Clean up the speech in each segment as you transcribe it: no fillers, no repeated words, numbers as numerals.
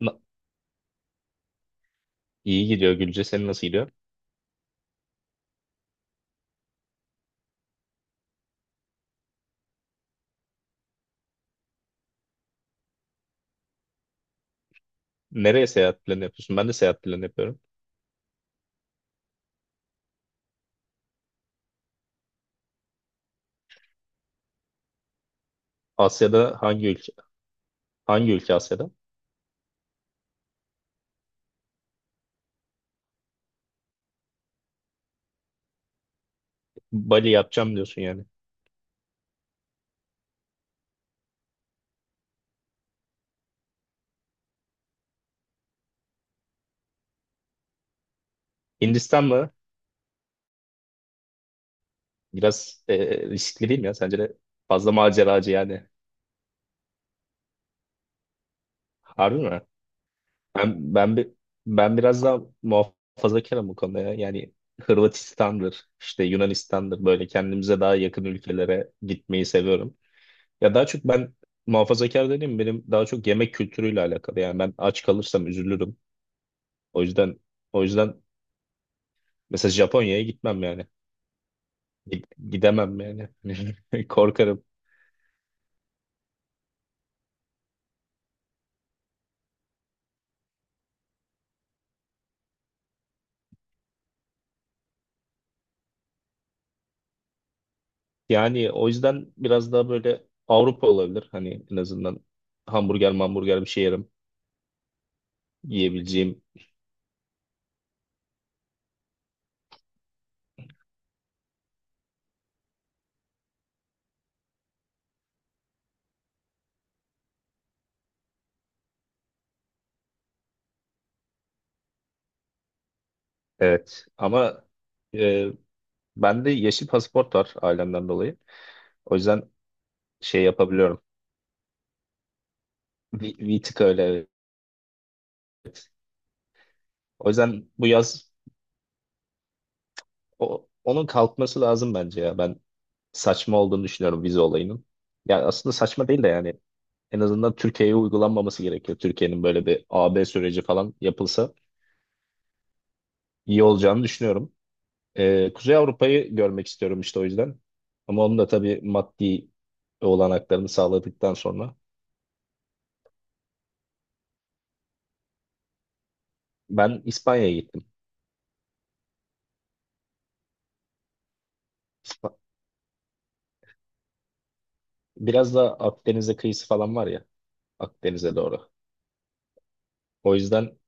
Na- İyi gidiyor Gülce. Senin nasıl gidiyor? Nereye seyahat planı yapıyorsun? Ben de seyahat planı yapıyorum. Asya'da hangi ülke? Hangi ülke Asya'da? Bali yapacağım diyorsun yani. Hindistan mı? Biraz riskli değil mi ya? Sence de fazla maceracı yani. Harbi mi? Ben, ben, bi- Ben biraz daha muhafazakarım bu konuda ya. Yani Hırvatistan'dır, işte Yunanistan'dır böyle kendimize daha yakın ülkelere gitmeyi seviyorum. Ya daha çok ben muhafazakar dediğim benim daha çok yemek kültürüyle alakalı. Yani ben aç kalırsam üzülürüm. O yüzden o yüzden mesela Japonya'ya gitmem yani. Gi- Gidemem yani. Korkarım. Yani o yüzden biraz daha böyle Avrupa olabilir. Hani en azından hamburger hamburger bir şey yerim. Yiyebileceğim. Evet. Ama e, bende yeşil pasaport var ailemden dolayı. O yüzden şey yapabiliyorum. Bir tık öyle. O yüzden bu yaz onun kalkması lazım bence ya. Ben saçma olduğunu düşünüyorum vize olayının. Yani aslında saçma değil de yani en azından Türkiye'ye uygulanmaması gerekiyor. Türkiye'nin böyle bir A-B süreci falan yapılsa iyi olacağını düşünüyorum. Kuzey Avrupa'yı görmek istiyorum işte o yüzden. Ama onun da tabii maddi olanaklarını sağladıktan sonra ben İspanya'ya gittim. İspa- Biraz da Akdeniz'e kıyısı falan var ya, Akdeniz'e doğru. O yüzden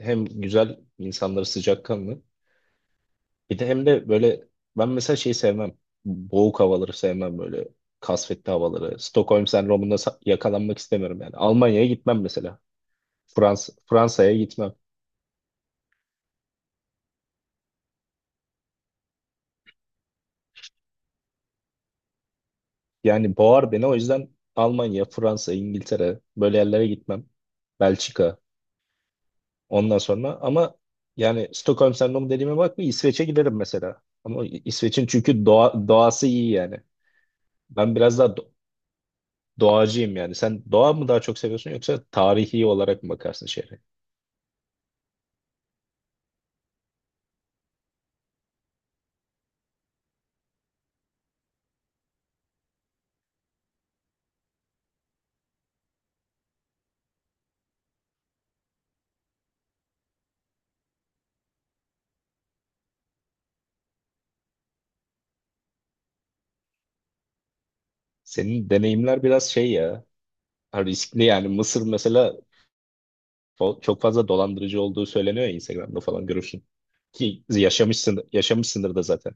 hem güzel insanları sıcakkanlı. Bir de hem de böyle ben mesela şeyi sevmem. Boğuk havaları sevmem böyle. Kasvetli havaları. Stockholm sendromunda yakalanmak istemiyorum yani. Almanya'ya gitmem mesela. Fransa'ya gitmem. Yani boğar beni o yüzden Almanya, Fransa, İngiltere böyle yerlere gitmem. Belçika ondan sonra ama yani Stockholm sendromu dediğime bakma, İsveç'e giderim mesela. Ama İsveç'in çünkü doğası iyi yani. Ben biraz daha doğacıyım yani. Sen doğa mı daha çok seviyorsun yoksa tarihi olarak mı bakarsın şehre? Senin deneyimler biraz şey ya. Ha, Riskli yani. Mısır mesela çok fazla dolandırıcı olduğu söyleniyor ya, Instagram'da falan görürsün. Ki yaşamışsın, yaşamışsındır da zaten.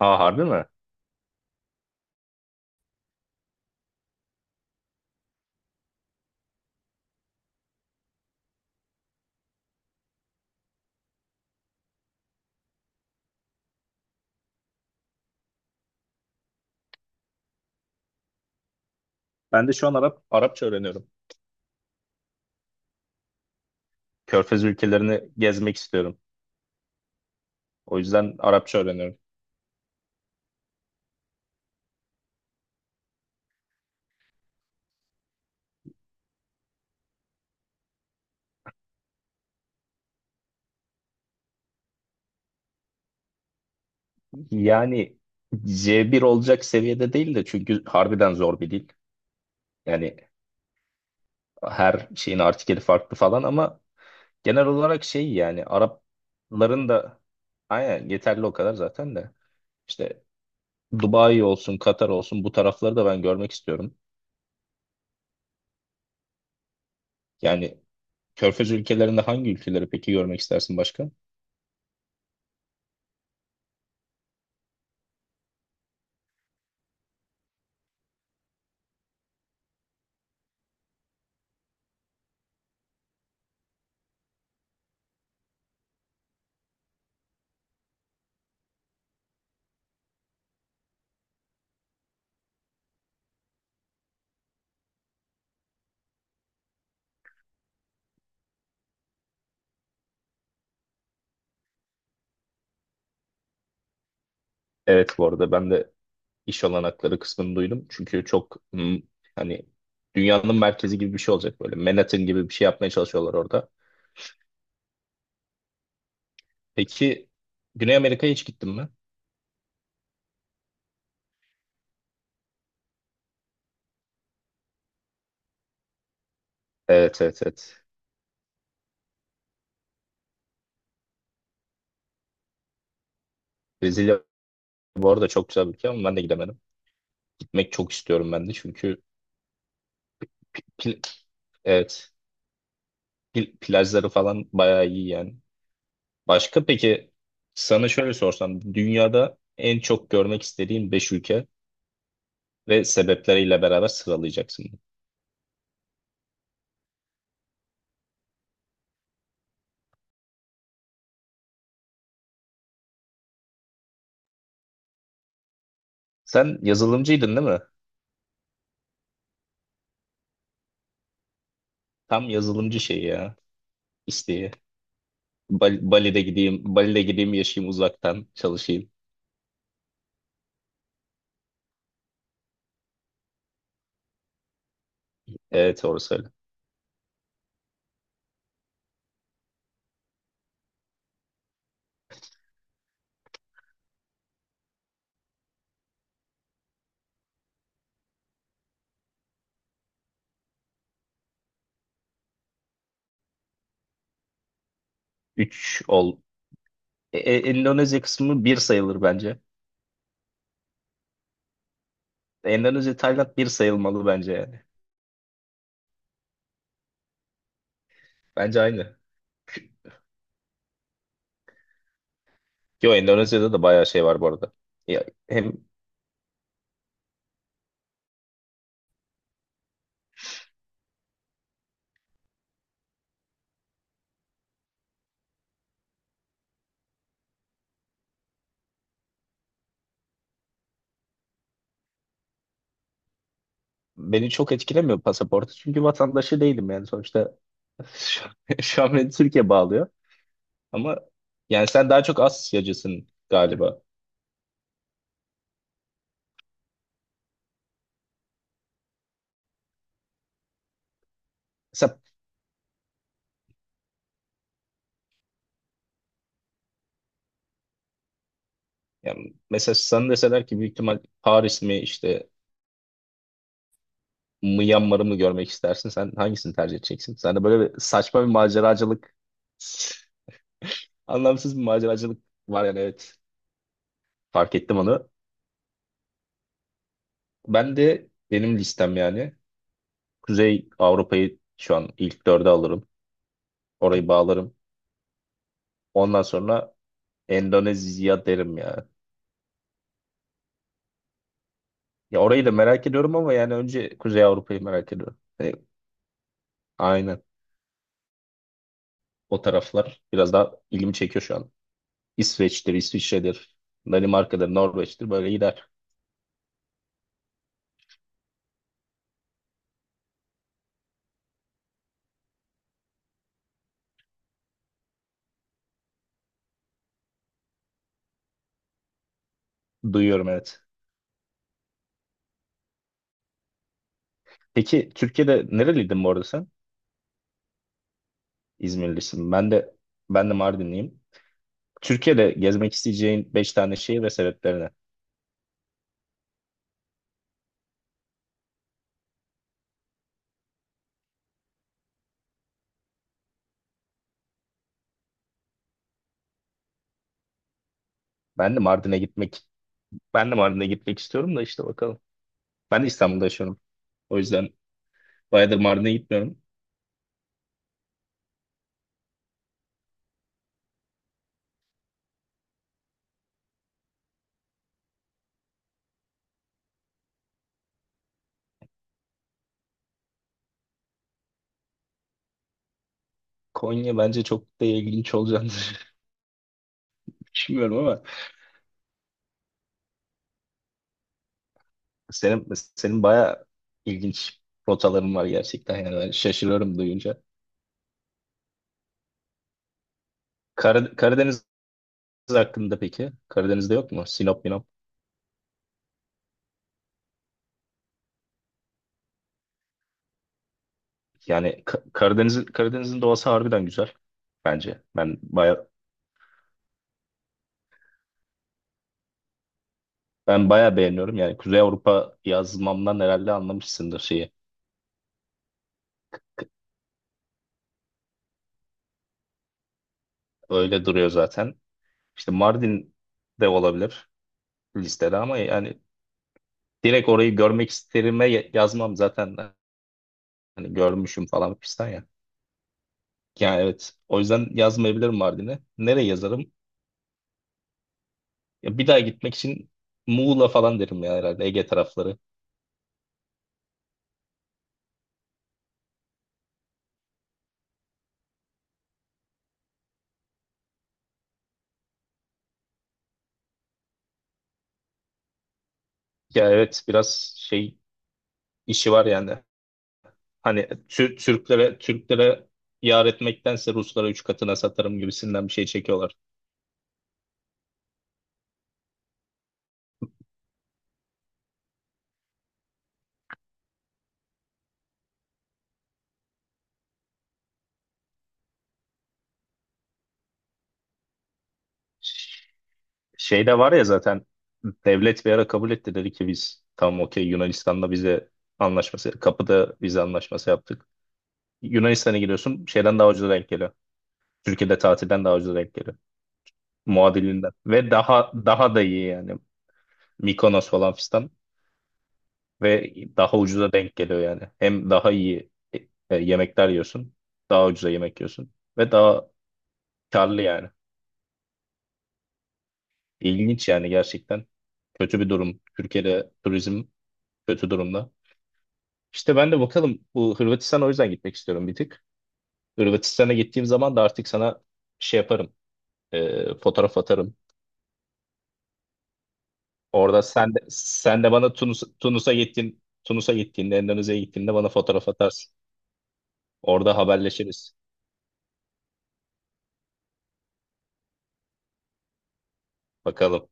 Aa, harbi mi? Ben de şu an Arapça öğreniyorum. Körfez ülkelerini gezmek istiyorum. O yüzden Arapça öğreniyorum. Yani C1 olacak seviyede değil de çünkü harbiden zor bir dil. Yani her şeyin artikeli farklı falan ama genel olarak şey yani Arapların da aynen yeterli o kadar zaten de. İşte Dubai olsun, Katar olsun bu tarafları da ben görmek istiyorum. Yani Körfez ülkelerinde hangi ülkeleri peki görmek istersin başka? Evet bu arada ben de iş olanakları kısmını duydum. Çünkü çok hani dünyanın merkezi gibi bir şey olacak böyle. Manhattan gibi bir şey yapmaya çalışıyorlar orada. Peki Güney Amerika'ya hiç gittin mi? Evet, evet, evet. Brezilya bu arada çok güzel bir ülke ama ben de gidemedim. Gitmek çok istiyorum ben de çünkü pil- evet, plajları falan bayağı iyi yani. Başka peki, sana şöyle sorsam dünyada en çok görmek istediğin 5 ülke ve sebepleriyle beraber sıralayacaksın. Sen yazılımcıydın değil mi? Tam yazılımcı şeyi ya, isteği. Bali'de gideyim, Bali'de gideyim, yaşayayım, uzaktan çalışayım. Evet orası öyle. Üç ol. Endonezya kısmı bir sayılır bence. Endonezya, Tayland bir sayılmalı bence yani. Bence aynı. Yo, Endonezya'da da bayağı şey var bu arada. Ya, hem beni çok etkilemiyor pasaportu çünkü vatandaşı değilim yani sonuçta. şu, Şu an beni Türkiye bağlıyor ama yani sen daha çok Asyacısın galiba. Mesela, yani mesela sana deseler ki büyük ihtimal Paris mi işte Myanmar'ı mı görmek istersin, sen hangisini tercih edeceksin? Sen de böyle bir saçma bir maceracılık, anlamsız bir maceracılık var yani, evet, fark ettim onu. Ben de benim listem yani Kuzey Avrupa'yı şu an ilk dörde alırım, orayı bağlarım. Ondan sonra Endonezya derim ya. Ya orayı da merak ediyorum ama yani önce Kuzey Avrupa'yı merak ediyorum. Aynen. O taraflar biraz daha ilgimi çekiyor şu an. İsveç'tir, İsviçre'dir, Danimarka'dır, Norveç'tir, böyle gider. Duyuyorum, evet. Peki Türkiye'de nereliydin bu arada sen? İzmirlisin. Ben de, ben de Mardinliyim. Türkiye'de gezmek isteyeceğin 5 tane şehir ve sebeplerine. Ben de Mardin'e gitmek Ben de Mardin'e gitmek istiyorum da işte bakalım. Ben de İstanbul'da yaşıyorum. O yüzden bayağıdır Mardin'e gitmiyorum. Konya bence çok da ilginç olacağını düşünmüyorum ama senin senin bayağı ilginç rotaların var gerçekten yani, ben şaşırıyorum duyunca. Karadeniz hakkında peki? Karadeniz'de yok mu? Sinop, Minop. Yani Karadeniz, Karadeniz'in doğası harbiden güzel bence. Ben bayağı beğeniyorum. Yani Kuzey Avrupa yazmamdan herhalde anlamışsındır şeyi. Öyle duruyor zaten. İşte Mardin de olabilir listede ama yani direkt orayı görmek isterime yazmam zaten. Hani görmüşüm falan fistan ya. Yani evet. O yüzden yazmayabilirim Mardin'e. Nereye yazarım? Ya bir daha gitmek için Muğla falan derim ya herhalde, Ege tarafları. Ya evet, biraz şey işi var yani. Hani Türklere yar etmektense Ruslara 3 katına satarım gibisinden bir şey çekiyorlar. Şey de var ya zaten, devlet bir ara kabul etti, dedi ki biz tamam okey Yunanistan'la vize anlaşması, kapıda vize anlaşması yaptık. Yunanistan'a giriyorsun, şeyden daha ucuza denk geliyor. Türkiye'de tatilden daha ucuz denk geliyor. Muadilinden. Ve daha da iyi yani. Mikonos falan fistan. Ve daha ucuza denk geliyor yani. Hem daha iyi yemekler yiyorsun. Daha ucuza yemek yiyorsun. Ve daha karlı yani. İlginç yani gerçekten. Kötü bir durum. Türkiye'de turizm kötü durumda. İşte ben de bakalım, bu Hırvatistan'a o yüzden gitmek istiyorum bir tık. Hırvatistan'a gittiğim zaman da artık sana şey yaparım, fotoğraf atarım. Orada sen de bana Tunus'a gittiğinde, Endonezya'ya gittiğinde bana fotoğraf atarsın. Orada haberleşiriz. Bakalım.